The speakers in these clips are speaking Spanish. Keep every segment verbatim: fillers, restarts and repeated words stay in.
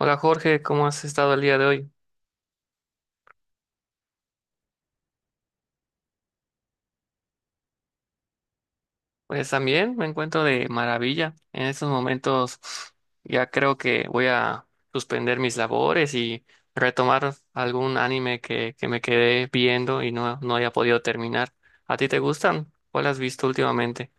Hola Jorge, ¿cómo has estado el día de hoy? Pues también me encuentro de maravilla. En estos momentos ya creo que voy a suspender mis labores y retomar algún anime que, que me quedé viendo y no, no haya podido terminar. ¿A ti te gustan? ¿Cuál has visto últimamente?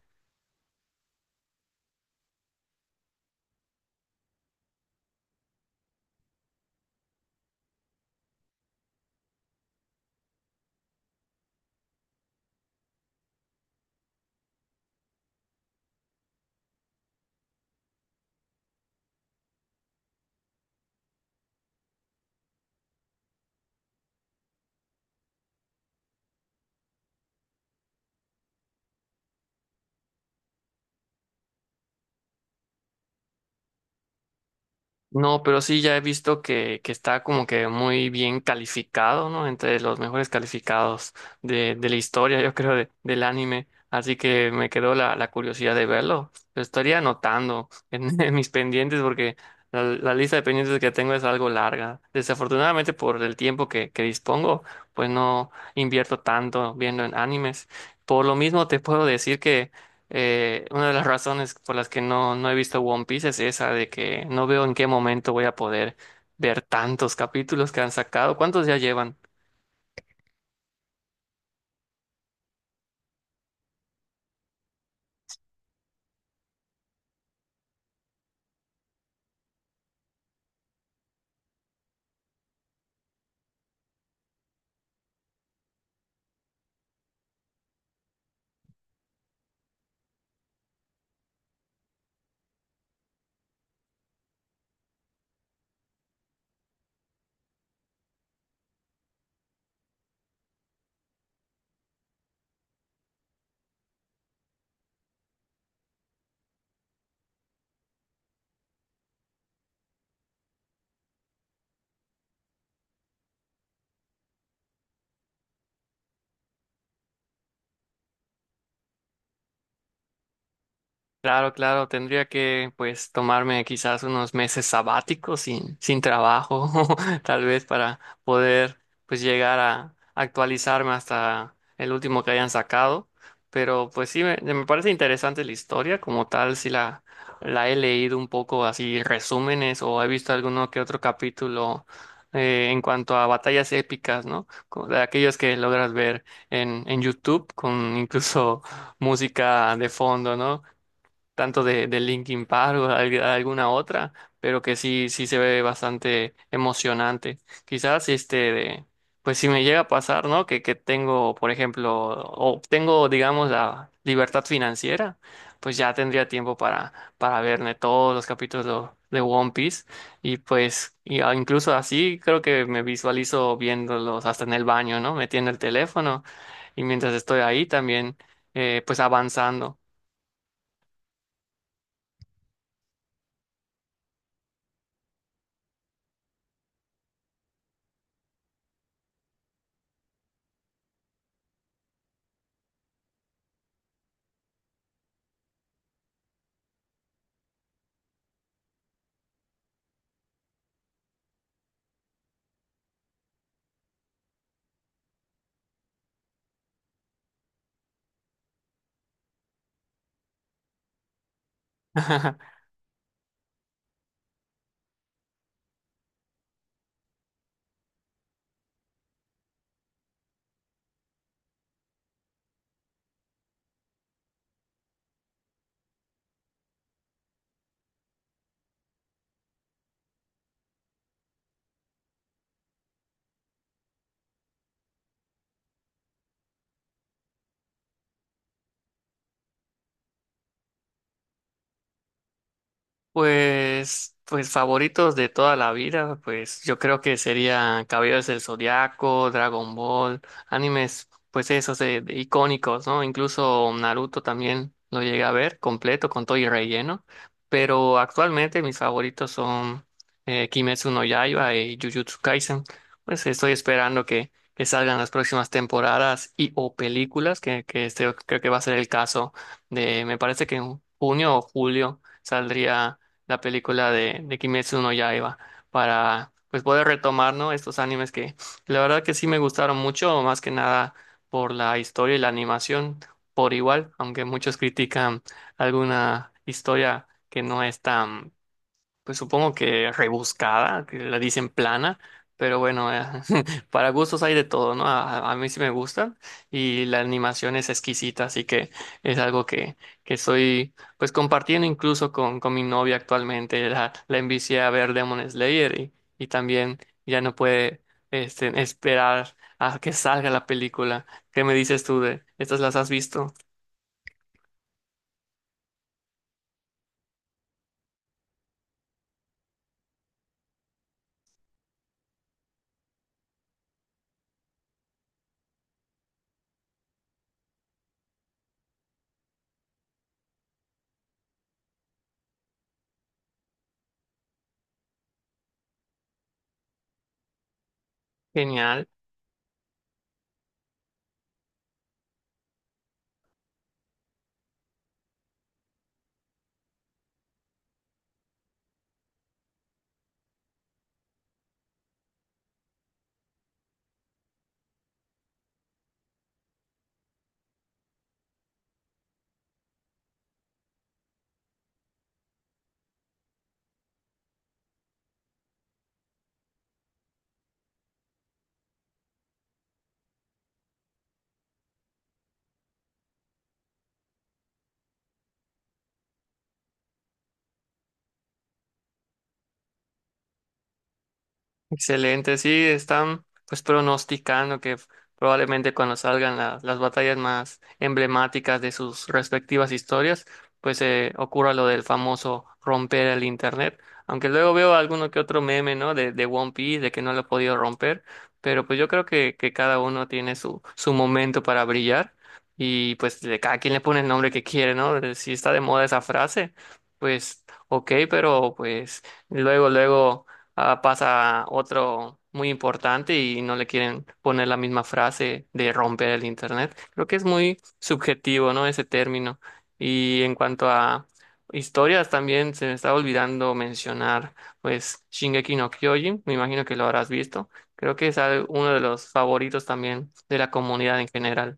No, pero sí ya he visto que, que está como que muy bien calificado, ¿no? Entre los mejores calificados de, de la historia, yo creo, de- del anime. Así que me quedó la, la curiosidad de verlo. Lo estaría anotando en, en mis pendientes porque la, la lista de pendientes que tengo es algo larga. Desafortunadamente por el tiempo que, que dispongo, pues no invierto tanto viendo en animes. Por lo mismo te puedo decir eh, una de las razones por las que no, no he visto One Piece es esa de que no veo en qué momento voy a poder ver tantos capítulos que han sacado. ¿Cuántos ya llevan? Claro, claro, tendría que pues tomarme quizás unos meses sabáticos sin, sin trabajo, tal vez para poder pues llegar a actualizarme hasta el último que hayan sacado. Pero pues sí, me, me parece interesante la historia, como tal, si la, la he leído un poco así resúmenes o he visto alguno que otro capítulo eh, en cuanto a batallas épicas, ¿no? Co- De aquellos que logras ver en, en YouTube con incluso música de fondo, ¿no? Tanto de, de Linkin Park o al- alguna otra, pero que sí, sí se ve bastante emocionante. Quizás este de, pues si me llega a pasar, ¿no? Que, que tengo, por ejemplo, o tengo, digamos, la libertad financiera, pues ya tendría tiempo para, para verme todos los capítulos de One Piece. Y pues, y a- incluso así creo que me visualizo viéndolos hasta en el baño, ¿no? Metiendo el teléfono y mientras estoy ahí también, eh, pues avanzando. Pues, pues favoritos de toda la vida, pues yo creo que serían Caballeros del Zodiaco, Dragon Ball, animes, pues esos de, de icónicos, ¿no? Incluso Naruto también lo llegué a ver completo con todo y relleno, pero actualmente mis favoritos son eh, Kimetsu no Yaiba y Jujutsu Kaisen. Pues estoy esperando que, que salgan las próximas temporadas y o películas, que, que este creo que va a ser el caso de, me parece que en junio o julio saldría la película de, de Kimetsu no Yaiba para pues poder retomar, ¿no? Estos animes que la verdad que sí me gustaron mucho, más que nada por la historia y la animación por igual, aunque muchos critican alguna historia que no es tan pues supongo que rebuscada, que la dicen plana, pero bueno, eh, para gustos hay de todo, ¿no? A, a mí sí me gusta y la animación es exquisita, así que es algo que, que estoy pues compartiendo incluso con, con mi novia actualmente. La, la envicié a ver Demon Slayer y, y también ya no puede este, esperar a que salga la película. ¿Qué me dices tú de estas? ¿Las has visto? Genial. Excelente, sí, están pues pronosticando que probablemente cuando salgan la- las batallas más emblemáticas de sus respectivas historias, pues eh, ocurra lo del famoso romper el internet, aunque luego veo alguno que otro meme, ¿no? De, de One Piece, de que no lo ha podido romper, pero pues yo creo que, que cada uno tiene su, su momento para brillar y pues de cada quien le pone el nombre que quiere, ¿no? Si está de moda esa frase, pues ok, pero pues luego, luego ah, pasa otro muy importante y no le quieren poner la misma frase de romper el internet. Creo que es muy subjetivo, ¿no? Ese término. Y en cuanto a historias, también se me está olvidando mencionar, pues, Shingeki no Kyojin, me imagino que lo habrás visto. Creo que es al- uno de los favoritos también de la comunidad en general.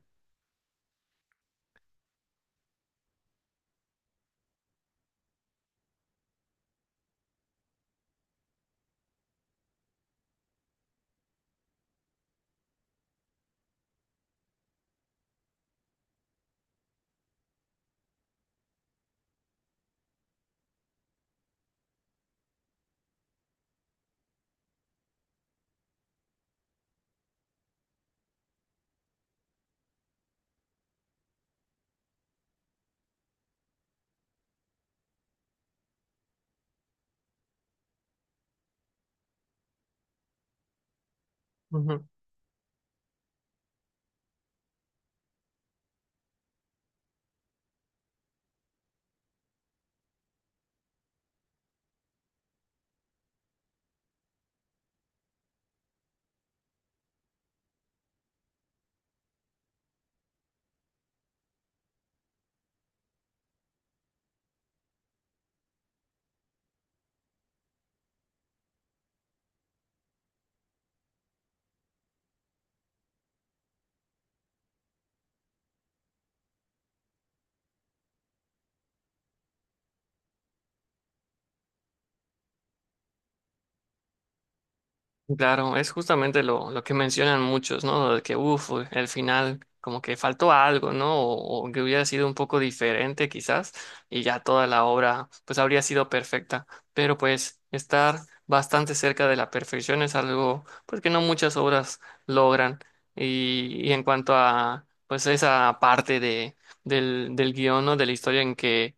Claro, es justamente lo, lo que mencionan muchos, ¿no? De que, uff, el final como que faltó algo, ¿no? O, o que hubiera sido un poco diferente quizás y ya toda la obra pues habría sido perfecta. Pero pues estar bastante cerca de la perfección es algo pues que no muchas obras logran. Y, y en cuanto a pues esa parte de, del, del guión, ¿no? De la historia en que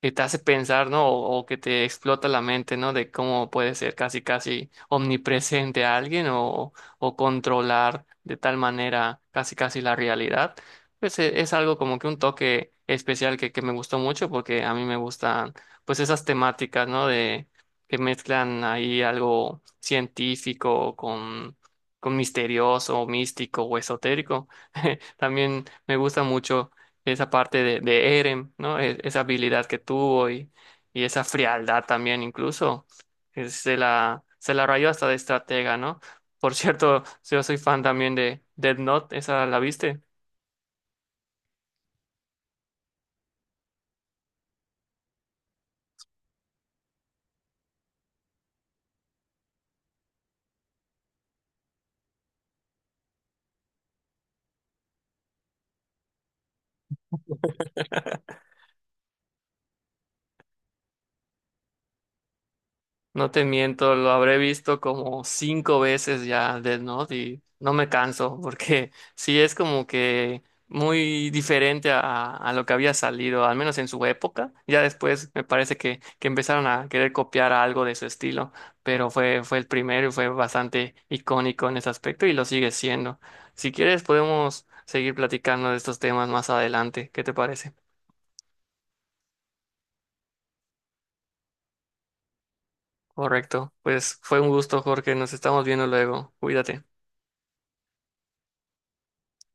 que te hace pensar, ¿no? O, o que te explota la mente, ¿no? De cómo puede ser casi, casi omnipresente alguien o, o controlar de tal manera casi, casi la realidad. Pues e- es, algo como que un toque especial que, que me gustó mucho porque a mí me gustan pues esas temáticas, ¿no? De que mezclan ahí algo científico con... con misterioso, místico o esotérico. También me gusta mucho esa parte de, de Eren, ¿no? E- esa habilidad que tuvo y, y esa frialdad también incluso, que se la, se la rayó hasta de estratega, ¿no? Por cierto, yo soy fan también de Death Note, ¿esa la viste? No te miento, lo habré visto como cinco veces ya Death Note y no me canso porque sí es como que muy diferente a, a lo que había salido, al menos en su época. Ya después me parece que, que empezaron a querer copiar algo de su estilo, pero fue, fue el primero y fue bastante icónico en ese aspecto y lo sigue siendo. Si quieres podemos seguir platicando de estos temas más adelante, ¿qué te parece? Correcto, pues fue un gusto, Jorge, nos estamos viendo luego, cuídate.